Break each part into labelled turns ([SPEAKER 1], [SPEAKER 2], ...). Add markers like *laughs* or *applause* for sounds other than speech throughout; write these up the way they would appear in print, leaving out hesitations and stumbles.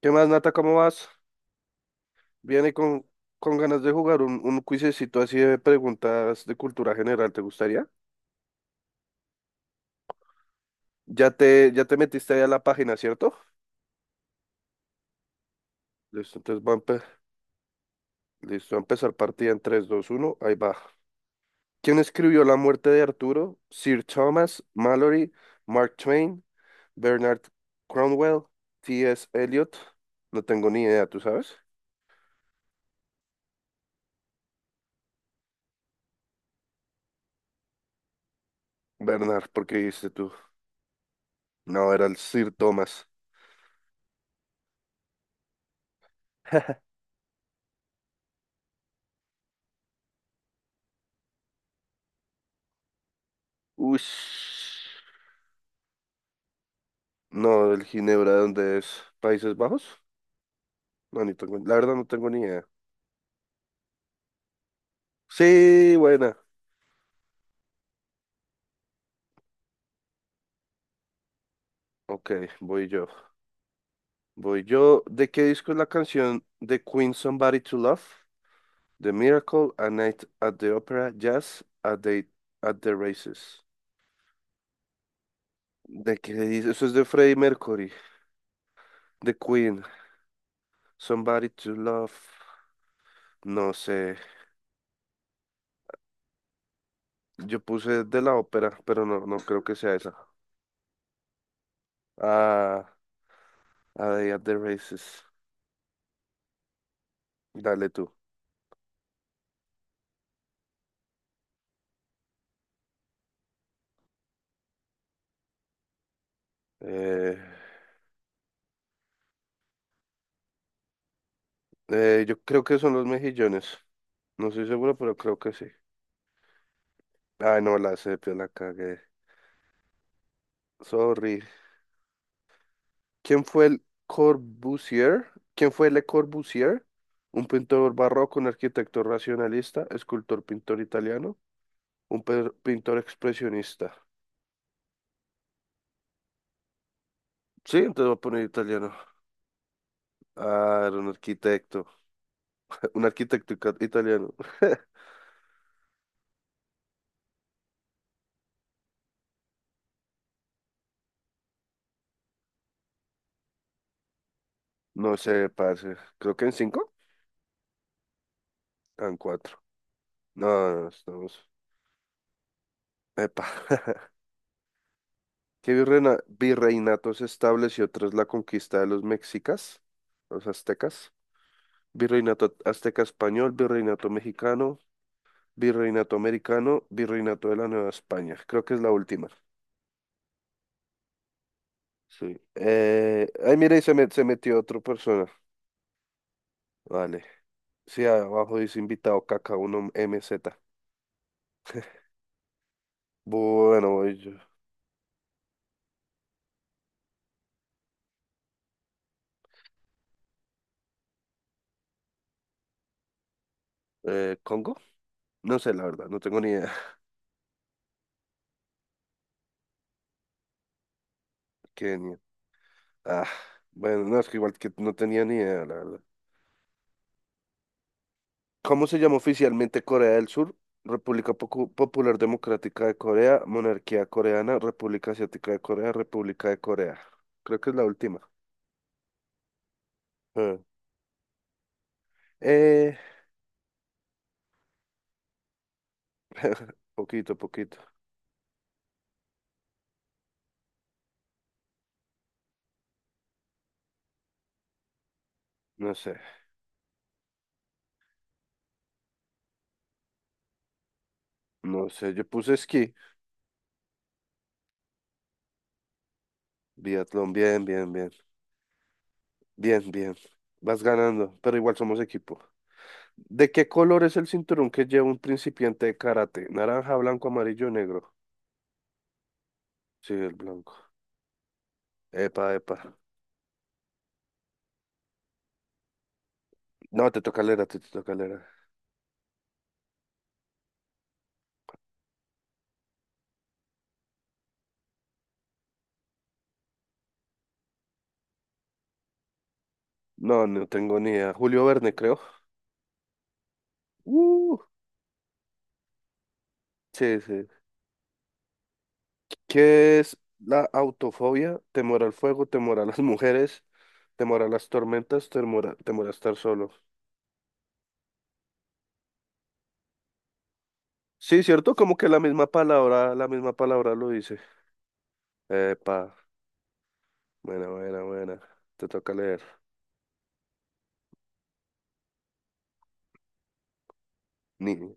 [SPEAKER 1] ¿Qué más, Nata? ¿Cómo vas? Viene con ganas de jugar un cuisecito así de preguntas de cultura general, ¿te gustaría? Ya te metiste ahí a la página, ¿cierto? Listo, entonces listo, va a empezar partida en tres, dos, uno. Ahí va. ¿Quién escribió La muerte de Arturo? Sir Thomas Mallory, Mark Twain, Bernard Cromwell, T. S. Eliot. No tengo ni idea, ¿tú sabes? Bernard, ¿por qué dijiste tú? No, era el Sir Thomas. *laughs* Ush. No, el Ginebra, ¿de dónde es? ¿Países Bajos? No, ni tengo, la verdad no tengo ni idea. Sí, buena. Ok, voy yo. Voy yo. ¿De qué disco es la canción The Queen Somebody to Love? The Miracle, A Night at the Opera, Jazz, A Day at the Races. ¿De qué dice? Eso es de Freddie Mercury. The Queen, Somebody to Love. No sé. Yo puse de la ópera, pero no, no creo que sea esa. Ah, A Day at the Races. Dale tú. Eh... yo creo que son los mejillones. No estoy seguro, pero creo que sí. Ay, no, la sepia la cagué. Sorry. ¿Quién fue el Corbusier? ¿Quién fue Le Corbusier? Un pintor barroco, un arquitecto racionalista, escultor, pintor italiano, un pintor expresionista. Sí, entonces voy a poner italiano. Ah, era un arquitecto. *laughs* Un arquitecto italiano. *laughs* No sé, parce. Creo que en cinco. Ah, en cuatro. No, no, no, estamos. Epa. *laughs* ¿Qué virreinato se estableció tras la conquista de los mexicas, los aztecas? Virreinato azteca español, virreinato mexicano, virreinato americano, virreinato de la Nueva España. Creo que es la última. Sí. Ay, mira, y se metió otra persona. Vale. Sí, abajo dice invitado caca uno m z. Bueno, voy yo. ¿Congo? No sé, la verdad, no tengo ni idea. *laughs* Kenia. Ah, bueno, no, es que igual que no tenía ni idea, la verdad. ¿Cómo se llama oficialmente Corea del Sur? República Popular Democrática de Corea, Monarquía Coreana, República Asiática de Corea, República de Corea. Creo que es la última. Ah. Eh, *laughs* poquito, poquito. No sé, no sé. Yo puse esquí, biatlón, bien, bien, bien, bien, bien. Vas ganando, pero igual somos equipo. ¿De qué color es el cinturón que lleva un principiante de karate? Naranja, blanco, amarillo, negro. Sí, el blanco. Epa, epa. No, te toca leer, a ti, te toca leer. No, no tengo ni idea. Julio Verne, creo. Uh, sí, sí. ¿Qué es la autofobia? Temor al fuego, temor a las *laughs* mujeres, temor a las tormentas, temor a estar solo. Sí, cierto, como que la misma palabra lo dice. Epa, buena, buena, buena. Te toca leer. Ni,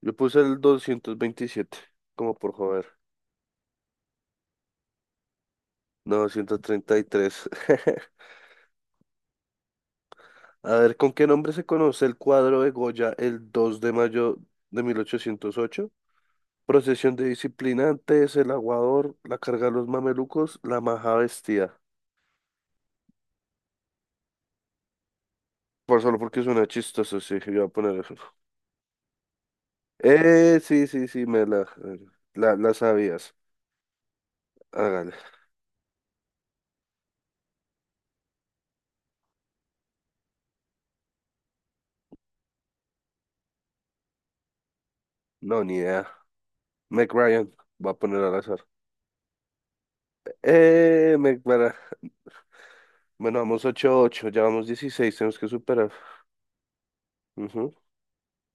[SPEAKER 1] yo puse el 227 como por joder. No, 233. *laughs* A ver, ¿con qué nombre se conoce el cuadro de Goya el 2 de mayo de 1808? Procesión de disciplinantes, el aguador, la carga de los mamelucos, la maja vestida. Por solo porque suena chistoso, sí, yo voy a poner eso. Sí, sí, sí, me la sabías. Hágale. No, ni idea. Meg Ryan, va a poner al azar. Eh, Meg, para- Bueno, vamos ocho ocho, ya vamos 16, tenemos que superar. Ujú.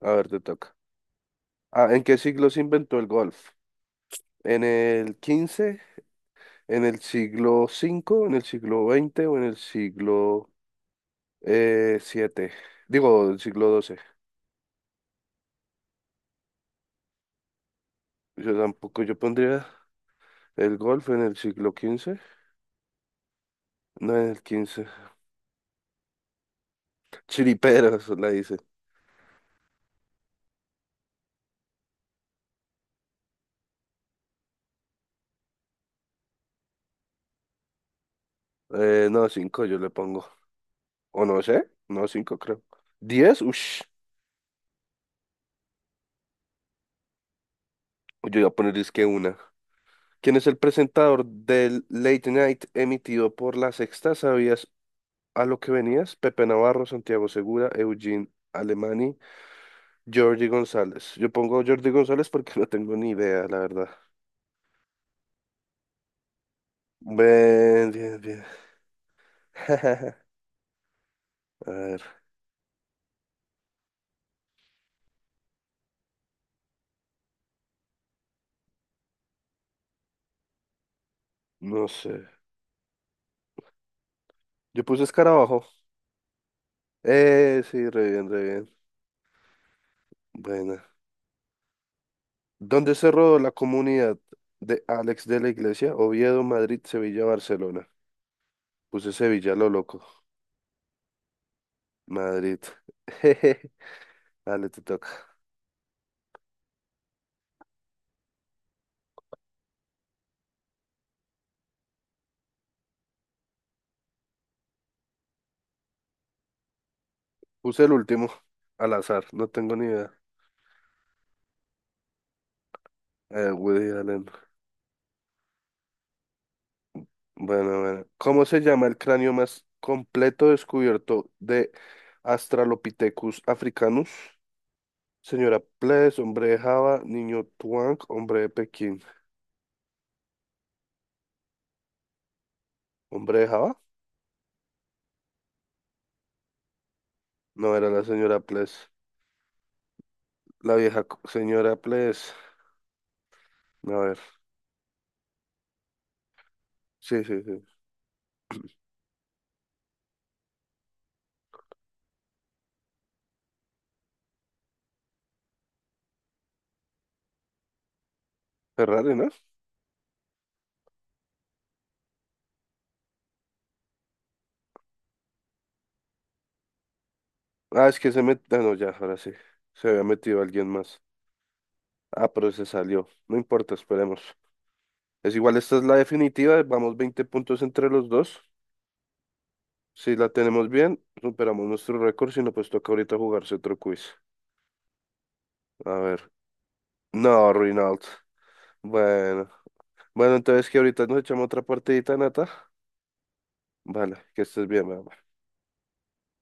[SPEAKER 1] A ver, te toca. Ah, ¿en qué siglo se inventó el golf? ¿En el quince, en el siglo cinco, en el siglo veinte o en el siglo... siete. Digo, el siglo doce. Yo tampoco, yo pondría el golf en el siglo quince. No, en el quince. *laughs* Chiriperos, la dice. No, cinco yo le pongo. O no sé. No, cinco creo. Diez, ush. Yo voy a poner es que una. ¿Quién es el presentador del Late Night emitido por La Sexta? ¿Sabías a lo que venías? Pepe Navarro, Santiago Segura, Eugene Alemani, Jordi González. Yo pongo Jordi González porque *laughs* no tengo ni idea, la verdad. Bien, bien, bien. *laughs* A ver, no sé. Yo puse escarabajo. Sí, re bien, re bien. Buena. ¿Dónde se rodó la comunidad de Alex de la Iglesia? Oviedo, Madrid, Sevilla, Barcelona. Puse Sevilla, lo loco. Madrid. *laughs* Jeje. Dale, te toca. Puse el último, al azar, no tengo ni idea. Woody Allen. Bueno, bueno. ¿Cómo se llama el cráneo más completo descubierto de Australopithecus africanus? Señora Ples, hombre de Java, niño Tuang, hombre de Pekín. ¿Hombre de Java? No, era la señora Ples. La vieja señora Ples. A ver. Sí, sí, sí. Ferrari, ¿no? Ah, es que se metió. Ah, no, ya, ahora sí. Se había metido alguien más. Ah, pero se salió. No importa, esperemos. Es igual, esta es la definitiva. Vamos 20 puntos entre los dos. Si la tenemos bien, superamos nuestro récord. Si no, pues toca ahorita jugarse otro quiz. A ver. No, Reynolds. Bueno. Bueno, entonces que ahorita nos echamos otra partidita, Nata. Vale, que estés bien, mamá.